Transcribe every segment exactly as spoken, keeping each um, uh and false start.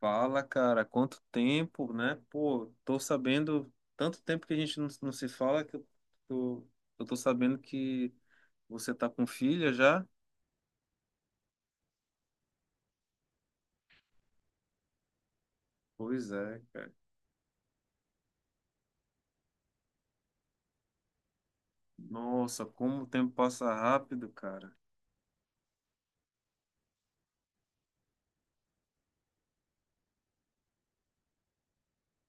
Fala, cara, quanto tempo, né? Pô, tô sabendo, tanto tempo que a gente não, não se fala que eu tô, eu tô sabendo que você tá com filha já? Pois é, cara. Nossa, como o tempo passa rápido, cara.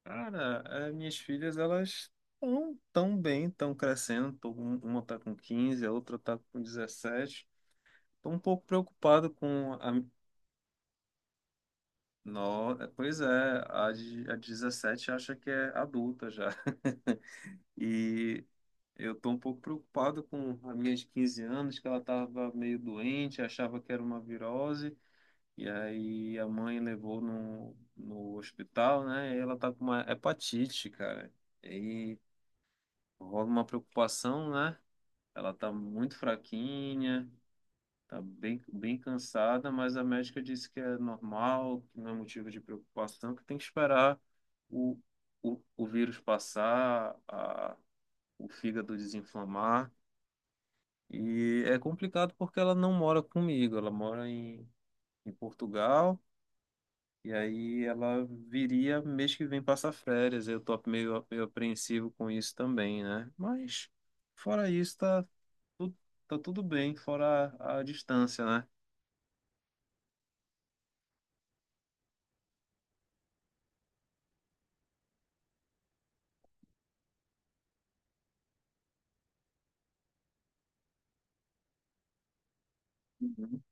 Cara, as minhas filhas, elas estão tão bem, estão crescendo. Tô, com- uma tá com quinze a outra tá com dezessete. Tô um pouco preocupado com a... No, pois é, a de, a de dezessete acha que é adulta já. E eu tô um pouco preocupado com a minha de quinze anos, que ela estava meio doente, achava que era uma virose, e aí a mãe levou no, no hospital, né? E ela tá com uma hepatite, cara. E aí rola uma preocupação, né? Ela tá muito fraquinha, tá bem, bem cansada, mas a médica disse que é normal, que não é motivo de preocupação, que tem que esperar o, o, o vírus passar, a, o fígado desinflamar. E é complicado porque ela não mora comigo, ela mora em, em Portugal, e aí ela viria mês que vem passar férias. Eu tô meio, meio apreensivo com isso também, né? Mas fora isso, tá, tu- tá tudo bem, fora a, a distância, né? Uhum.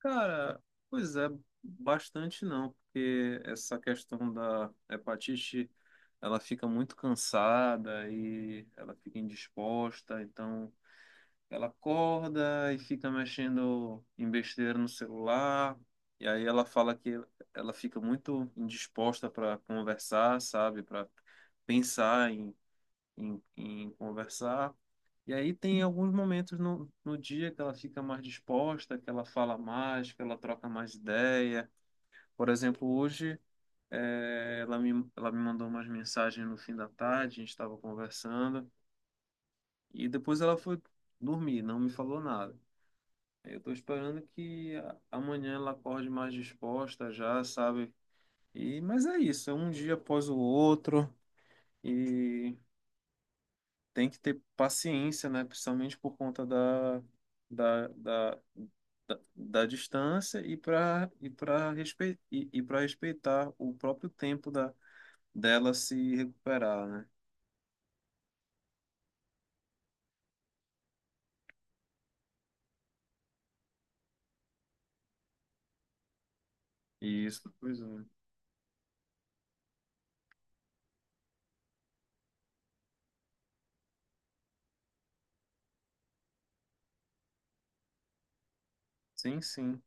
Cara, pois é, bastante não, porque essa questão da hepatite, ela fica muito cansada e ela fica indisposta, então. Ela acorda e fica mexendo em besteira no celular. E aí ela fala que ela fica muito indisposta para conversar, sabe? Para pensar em, em, em conversar. E aí tem alguns momentos no, no dia que ela fica mais disposta, que ela fala mais, que ela troca mais ideia. Por exemplo, hoje eh, ela me, ela me mandou umas mensagens no fim da tarde, a gente estava conversando. E depois ela foi dormir, não me falou nada. Eu tô esperando que a- amanhã ela acorde mais disposta já, sabe? E, mas é isso, é um dia após o outro e tem que ter paciência, né? Principalmente por conta da, da, da, da distância e para e para respe, e, e para respeitar o próprio tempo da, dela se recuperar, né? E isso, pois é. Sim, sim.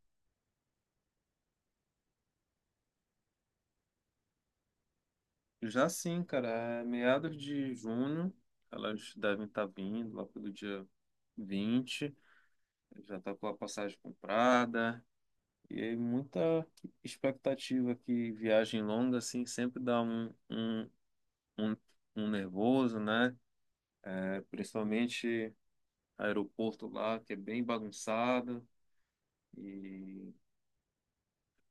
Já sim, cara, é meados de junho, elas devem estar vindo lá pelo dia vinte, já está com a passagem comprada. E aí muita expectativa que viagem longa, assim, sempre dá um, um, um, um nervoso, né? É, principalmente aeroporto lá, que é bem bagunçado. E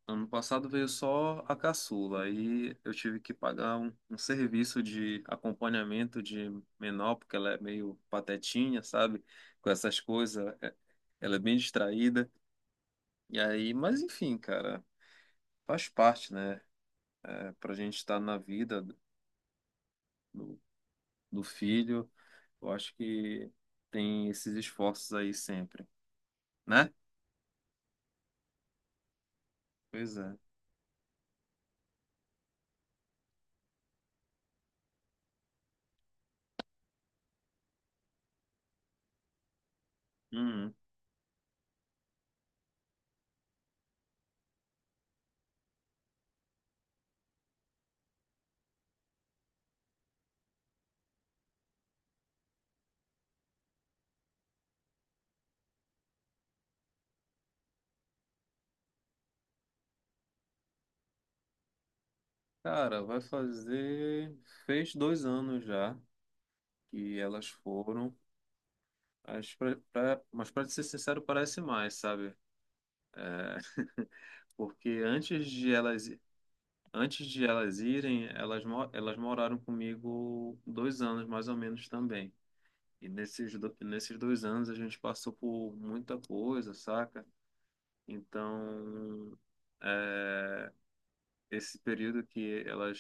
ano passado veio só a caçula. Aí eu tive que pagar um, um serviço de acompanhamento de menor, porque ela é meio patetinha, sabe? Com essas coisas. é- Ela é bem distraída. E aí, mas enfim, cara, faz parte, né? É, para a gente estar na vida do, do filho, eu acho que tem esses esforços aí sempre, né? Pois é. Uhum. Cara, vai fazer. Fez dois anos já que elas foram. Mas pra, pra- mas pra ser sincero, parece mais, sabe? É, porque antes de elas, antes de elas irem, elas, mo- elas moraram comigo dois anos mais ou menos também. E nesses, do- nesses dois anos a gente passou por muita coisa, saca? Então, é, esse período que elas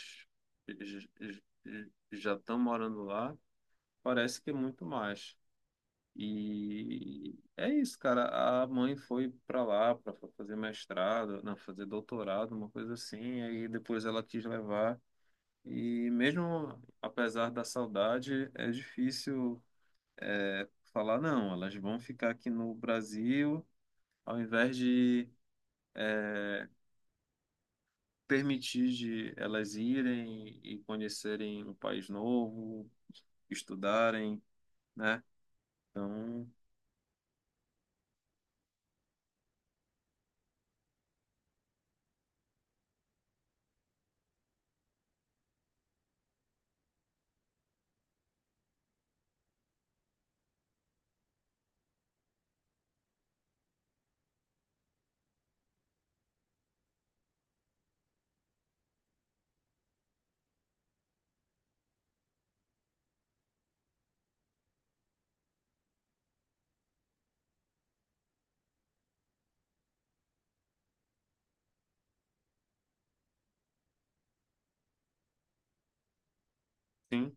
j- j- j- já estão morando lá, parece que é muito mais. E é isso, cara. A mãe foi para lá para fazer mestrado, não, fazer doutorado, uma coisa assim, aí depois ela quis levar. E mesmo apesar da saudade, é difícil é, falar, não, elas vão ficar aqui no Brasil, ao invés de é, permitir de elas irem e conhecerem um país novo, estudarem, né? Então, sim.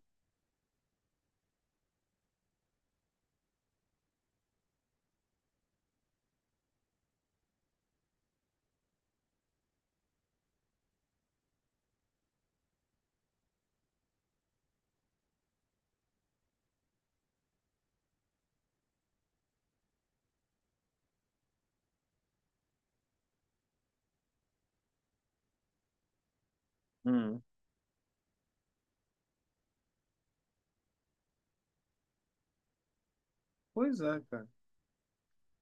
Hum. Pois é, cara.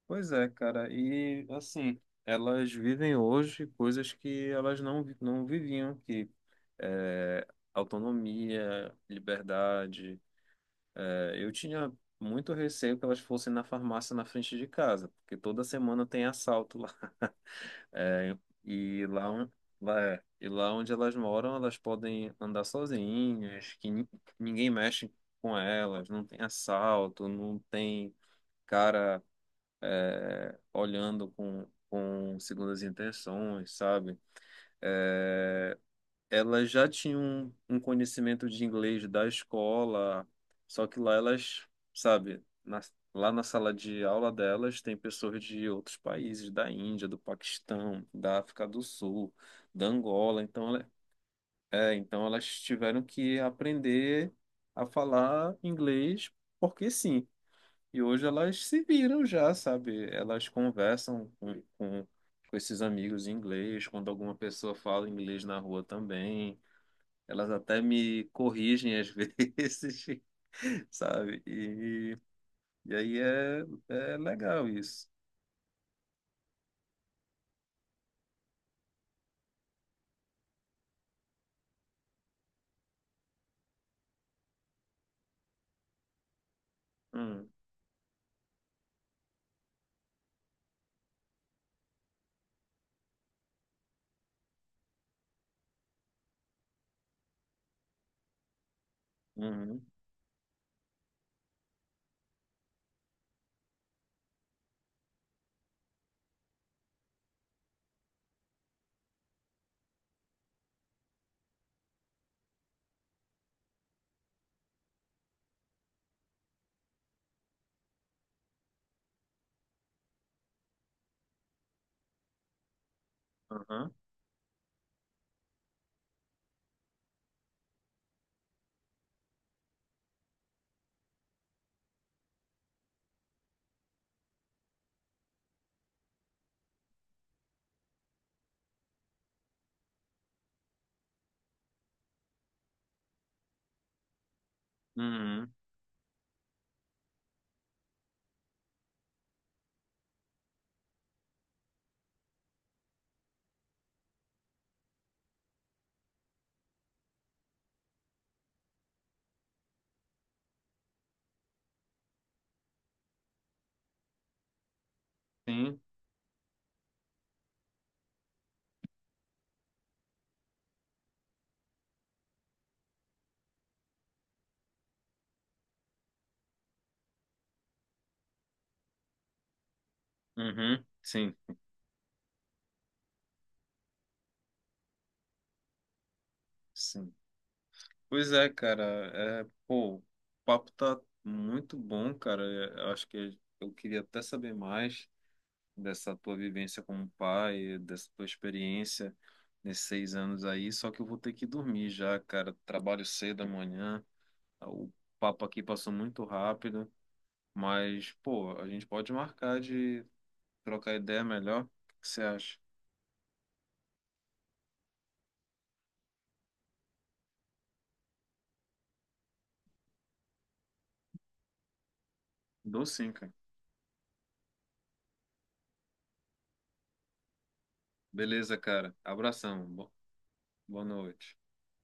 Pois é, cara. E assim, elas vivem hoje coisas que elas não, vi- não viviam, que é, autonomia, liberdade. Eu tinha muito receio que elas fossem na farmácia na frente de casa, porque toda semana tem assalto lá. É, e lá, on- lá, é, e lá onde elas moram, elas podem andar sozinhas, que ni- ninguém mexe com elas, não tem assalto, não tem cara olhando com, com segundas intenções, sabe? É, ela já tinha um, um conhecimento de inglês da escola, só que lá elas, sabe, na- lá na sala de aula delas tem pessoas de outros países, da Índia, do Paquistão, da África do Sul, da Angola, então, ela- é, então elas tiveram que aprender a falar inglês porque sim. E hoje elas se viram já, sabe? Elas conversam com, com, com esses amigos em inglês, quando alguma pessoa fala inglês na rua também. Elas até me corrigem às vezes, sabe? E, e aí é, é legal isso. Hum. Uhum. Aham. Uhum. Sim. Uhum. Sim, sim. Pois é, cara. É, pô, o papo tá muito bom, cara. Eu acho que eu queria até saber mais dessa tua vivência como pai, dessa tua experiência nesses seis anos aí. Só que eu vou ter que dormir já, cara. Trabalho cedo amanhã. O papo aqui passou muito rápido, mas, pô, a gente pode marcar de trocar ideia melhor. O que você acha? Dou sim, cara. Beleza, cara. Abração. Bo- Boa noite.